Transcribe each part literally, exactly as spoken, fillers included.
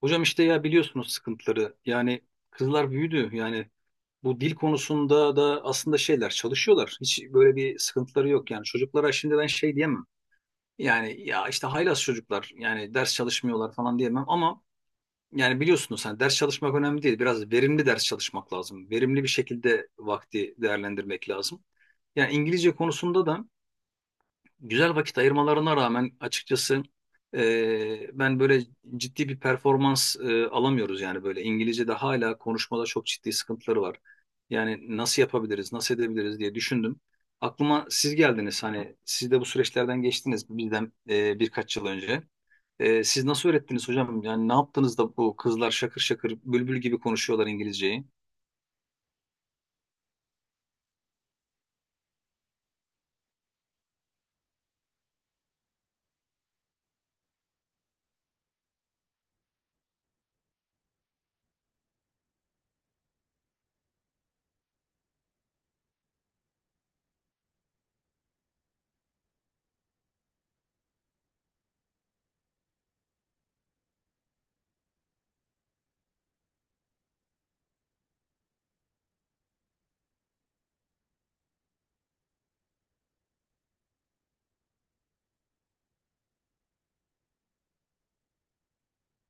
Hocam işte ya biliyorsunuz sıkıntıları. Yani kızlar büyüdü. Yani bu dil konusunda da aslında şeyler çalışıyorlar. Hiç böyle bir sıkıntıları yok. Yani çocuklara şimdi ben şey diyemem. Yani ya işte haylaz çocuklar yani ders çalışmıyorlar falan diyemem ama yani biliyorsunuz hani ders çalışmak önemli değil. Biraz verimli ders çalışmak lazım. Verimli bir şekilde vakti değerlendirmek lazım. Yani İngilizce konusunda da güzel vakit ayırmalarına rağmen açıkçası e, ben böyle ciddi bir performans e, alamıyoruz yani böyle İngilizce'de hala konuşmada çok ciddi sıkıntıları var. Yani nasıl yapabiliriz, nasıl edebiliriz diye düşündüm. Aklıma siz geldiniz hani siz de bu süreçlerden geçtiniz bizden e, birkaç yıl önce. E, siz nasıl öğrettiniz hocam? Yani ne yaptınız da bu kızlar şakır şakır bülbül gibi konuşuyorlar İngilizceyi?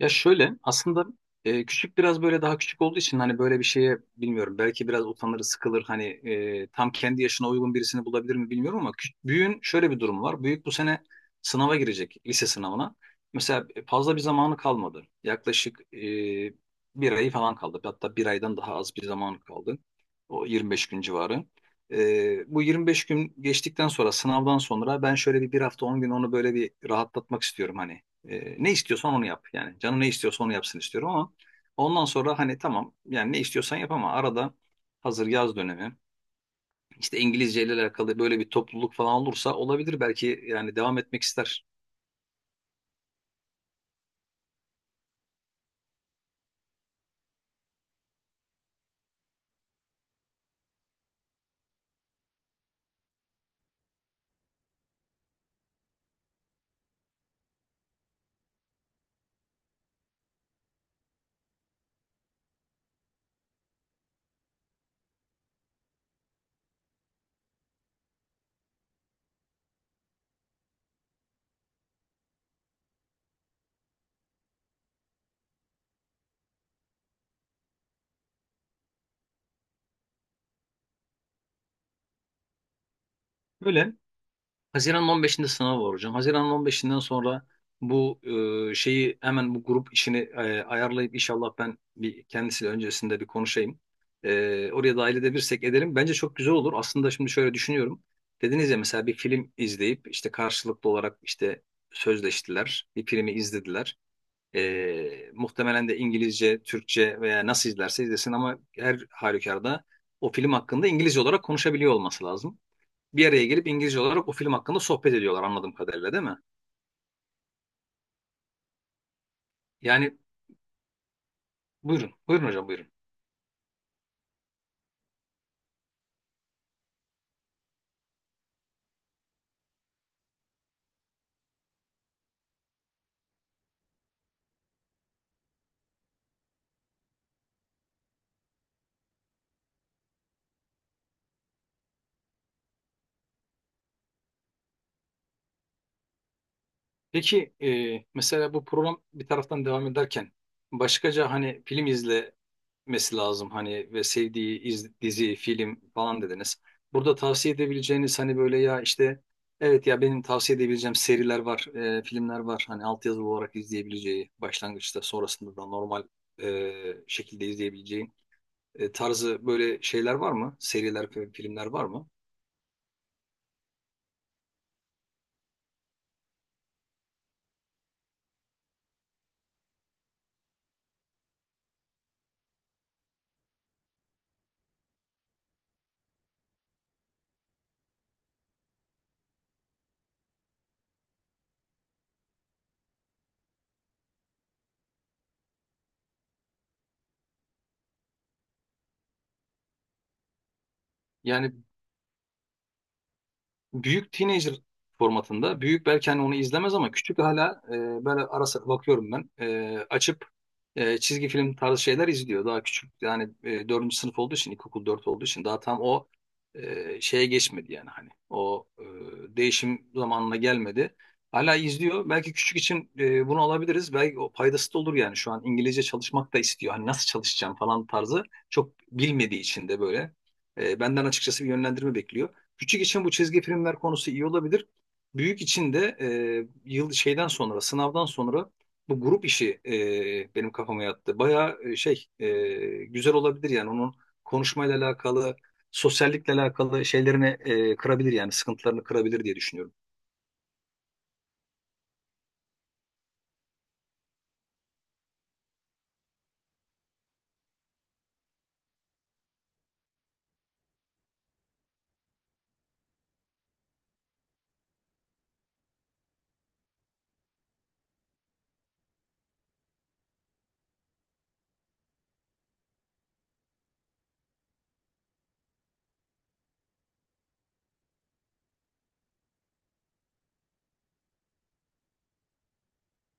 Ya şöyle aslında e, küçük biraz böyle daha küçük olduğu için hani böyle bir şeye bilmiyorum belki biraz utanır sıkılır hani e, tam kendi yaşına uygun birisini bulabilir mi bilmiyorum ama küç- büyüğün şöyle bir durum var. Büyük bu sene sınava girecek lise sınavına. Mesela e, fazla bir zamanı kalmadı. Yaklaşık e, bir ay falan kaldı. Hatta bir aydan daha az bir zamanı kaldı. O yirmi beş gün civarı. E, bu yirmi beş gün geçtikten sonra sınavdan sonra ben şöyle bir bir hafta on gün onu böyle bir rahatlatmak istiyorum hani. E, ne istiyorsan onu yap yani. Canı ne istiyorsa onu yapsın istiyorum ama ondan sonra hani tamam yani ne istiyorsan yap ama arada hazır yaz dönemi işte İngilizce ile alakalı böyle bir topluluk falan olursa olabilir belki yani devam etmek ister. Böyle Haziran'ın on beşinde sınav var hocam. Haziran'ın on beşinden sonra bu e, şeyi hemen bu grup işini e, ayarlayıp inşallah ben bir kendisiyle öncesinde bir konuşayım. E, oraya dahil edebilirsek edelim. Bence çok güzel olur. Aslında şimdi şöyle düşünüyorum. Dediniz ya mesela bir film izleyip işte karşılıklı olarak işte sözleştiler. Bir filmi izlediler. E, muhtemelen de İngilizce, Türkçe veya nasıl izlerse izlesin ama her halükarda o film hakkında İngilizce olarak konuşabiliyor olması lazım, bir araya gelip İngilizce olarak o film hakkında sohbet ediyorlar anladığım kadarıyla değil mi? Yani buyurun, buyurun hocam buyurun. Peki e, mesela bu program bir taraftan devam ederken başkaca hani film izlemesi lazım hani ve sevdiği iz- dizi, film falan dediniz. Burada tavsiye edebileceğiniz hani böyle ya işte evet ya benim tavsiye edebileceğim seriler var, e, filmler var. Hani altyazılı olarak izleyebileceği başlangıçta sonrasında da normal e, şekilde izleyebileceği. E, tarzı böyle şeyler var mı? Seriler, fi- filmler var mı? Yani büyük teenager formatında. Büyük belki hani onu izlemez ama küçük hala e, böyle ara sıra bakıyorum ben. E, açıp e, çizgi film tarzı şeyler izliyor. Daha küçük yani e, dördüncü sınıf olduğu için ilkokul dört olduğu için daha tam o e, şeye geçmedi yani hani o e, değişim zamanına gelmedi. Hala izliyor. Belki küçük için e, bunu alabiliriz. Belki o faydası da olur yani. Şu an İngilizce çalışmak da istiyor. Hani nasıl çalışacağım falan tarzı çok bilmediği için de böyle. E, benden açıkçası bir yönlendirme bekliyor. Küçük için bu çizgi filmler konusu iyi olabilir. Büyük için de e, yıl şeyden sonra, sınavdan sonra bu grup işi e, benim kafama yattı. Bayağı e, şey e, güzel olabilir yani onun konuşmayla alakalı, sosyallikle alakalı şeylerini e, kırabilir yani sıkıntılarını kırabilir diye düşünüyorum.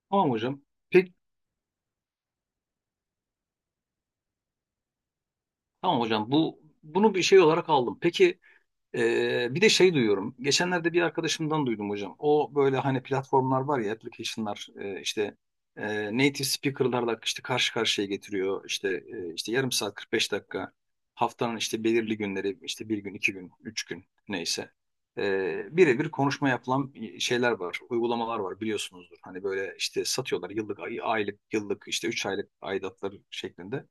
Tamam hocam. Peki, tamam hocam. Bu bunu bir şey olarak aldım. Peki, Ee, bir de şey duyuyorum. Geçenlerde bir arkadaşımdan duydum hocam. O böyle hani platformlar var ya application'lar e, işte e, native speaker'larla işte karşı karşıya getiriyor. İşte e, işte yarım saat kırk beş dakika haftanın işte belirli günleri işte bir gün, iki gün, üç gün neyse. E, birebir konuşma yapılan şeyler var, uygulamalar var biliyorsunuzdur. Hani böyle işte satıyorlar yıllık, ay- aylık, yıllık işte üç aylık aidatları şeklinde.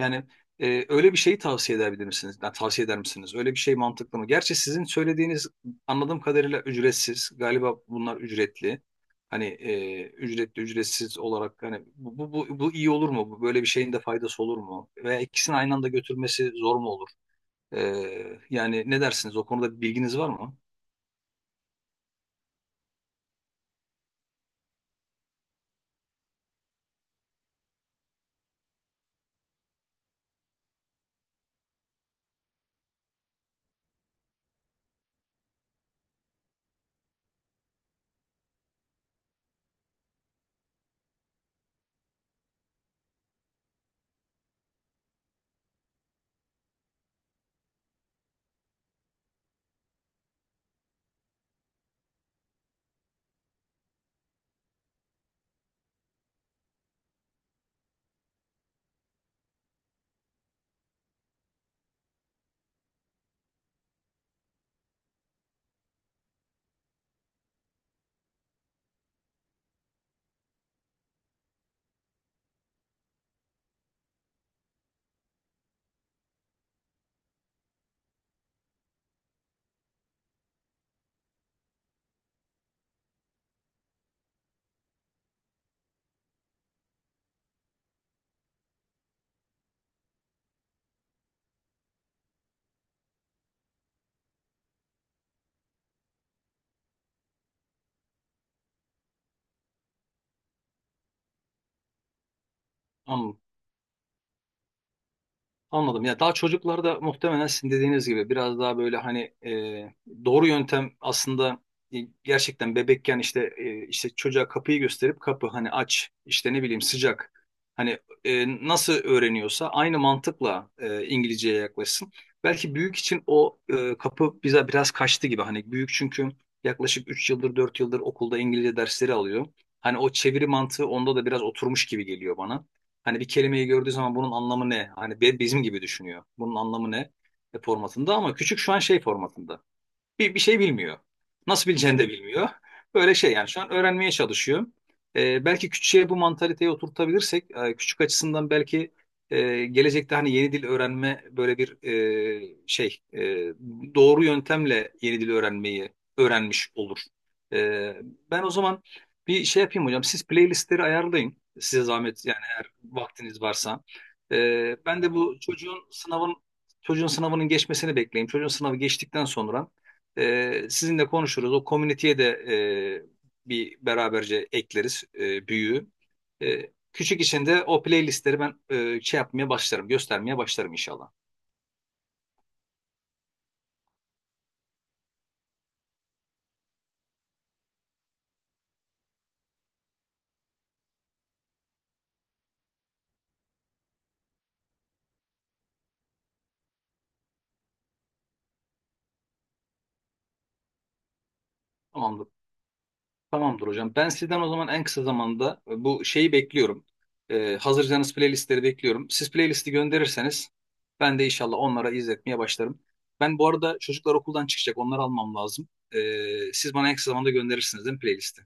Yani e, öyle bir şeyi tavsiye edebilir misiniz? Yani tavsiye eder misiniz? Öyle bir şey mantıklı mı? Gerçi sizin söylediğiniz anladığım kadarıyla ücretsiz. Galiba bunlar ücretli. Hani e, ücretli ücretsiz olarak hani bu, bu, bu, bu iyi olur mu? Bu- Böyle bir şeyin de faydası olur mu? Veya ikisini aynı anda götürmesi zor mu olur? E, Yani ne dersiniz? O konuda bir bilginiz var mı? Anladım. Anladım. Ya daha çocuklarda muhtemelen sizin dediğiniz gibi biraz daha böyle hani e, doğru yöntem aslında e, gerçekten bebekken işte e, işte çocuğa kapıyı gösterip kapı hani aç işte ne bileyim sıcak hani e, nasıl öğreniyorsa aynı mantıkla e, İngilizceye yaklaşsın. Belki büyük için o e, kapı bize biraz kaçtı gibi hani büyük çünkü yaklaşık üç yıldır dört yıldır okulda İngilizce dersleri alıyor. Hani o çeviri mantığı onda da biraz oturmuş gibi geliyor bana. Hani bir kelimeyi gördüğü zaman bunun anlamı ne? Hani be- bizim gibi düşünüyor. Bunun anlamı ne? E, formatında ama küçük şu an şey formatında bir, bir şey bilmiyor. Nasıl bileceğini de bilmiyor. Böyle şey yani şu an öğrenmeye çalışıyor. Ee, belki küçüğe bu mantaliteyi oturtabilirsek e, küçük açısından belki e, gelecekte hani yeni dil öğrenme böyle bir e, şey e, doğru yöntemle yeni dil öğrenmeyi öğrenmiş olur. E, Ben o zaman bir şey yapayım hocam. Siz playlistleri ayarlayın. Size zahmet yani eğer vaktiniz varsa. E, ben de bu çocuğun sınavın çocuğun sınavının geçmesini bekleyeyim. Çocuğun sınavı geçtikten sonra e, sizinle konuşuruz. O komüniteye de e, bir beraberce ekleriz e, büyüğü. E, küçük içinde o playlistleri ben e, şey yapmaya başlarım, göstermeye başlarım inşallah. Tamamdır. Tamamdır hocam. Ben sizden o zaman en kısa zamanda e, bu şeyi bekliyorum. Ee, hazırsanız playlistleri bekliyorum. Siz playlisti gönderirseniz ben de inşallah onlara izletmeye başlarım. Ben bu arada çocuklar okuldan çıkacak. Onları almam lazım. Ee, siz bana en kısa zamanda gönderirsiniz değil mi playlisti?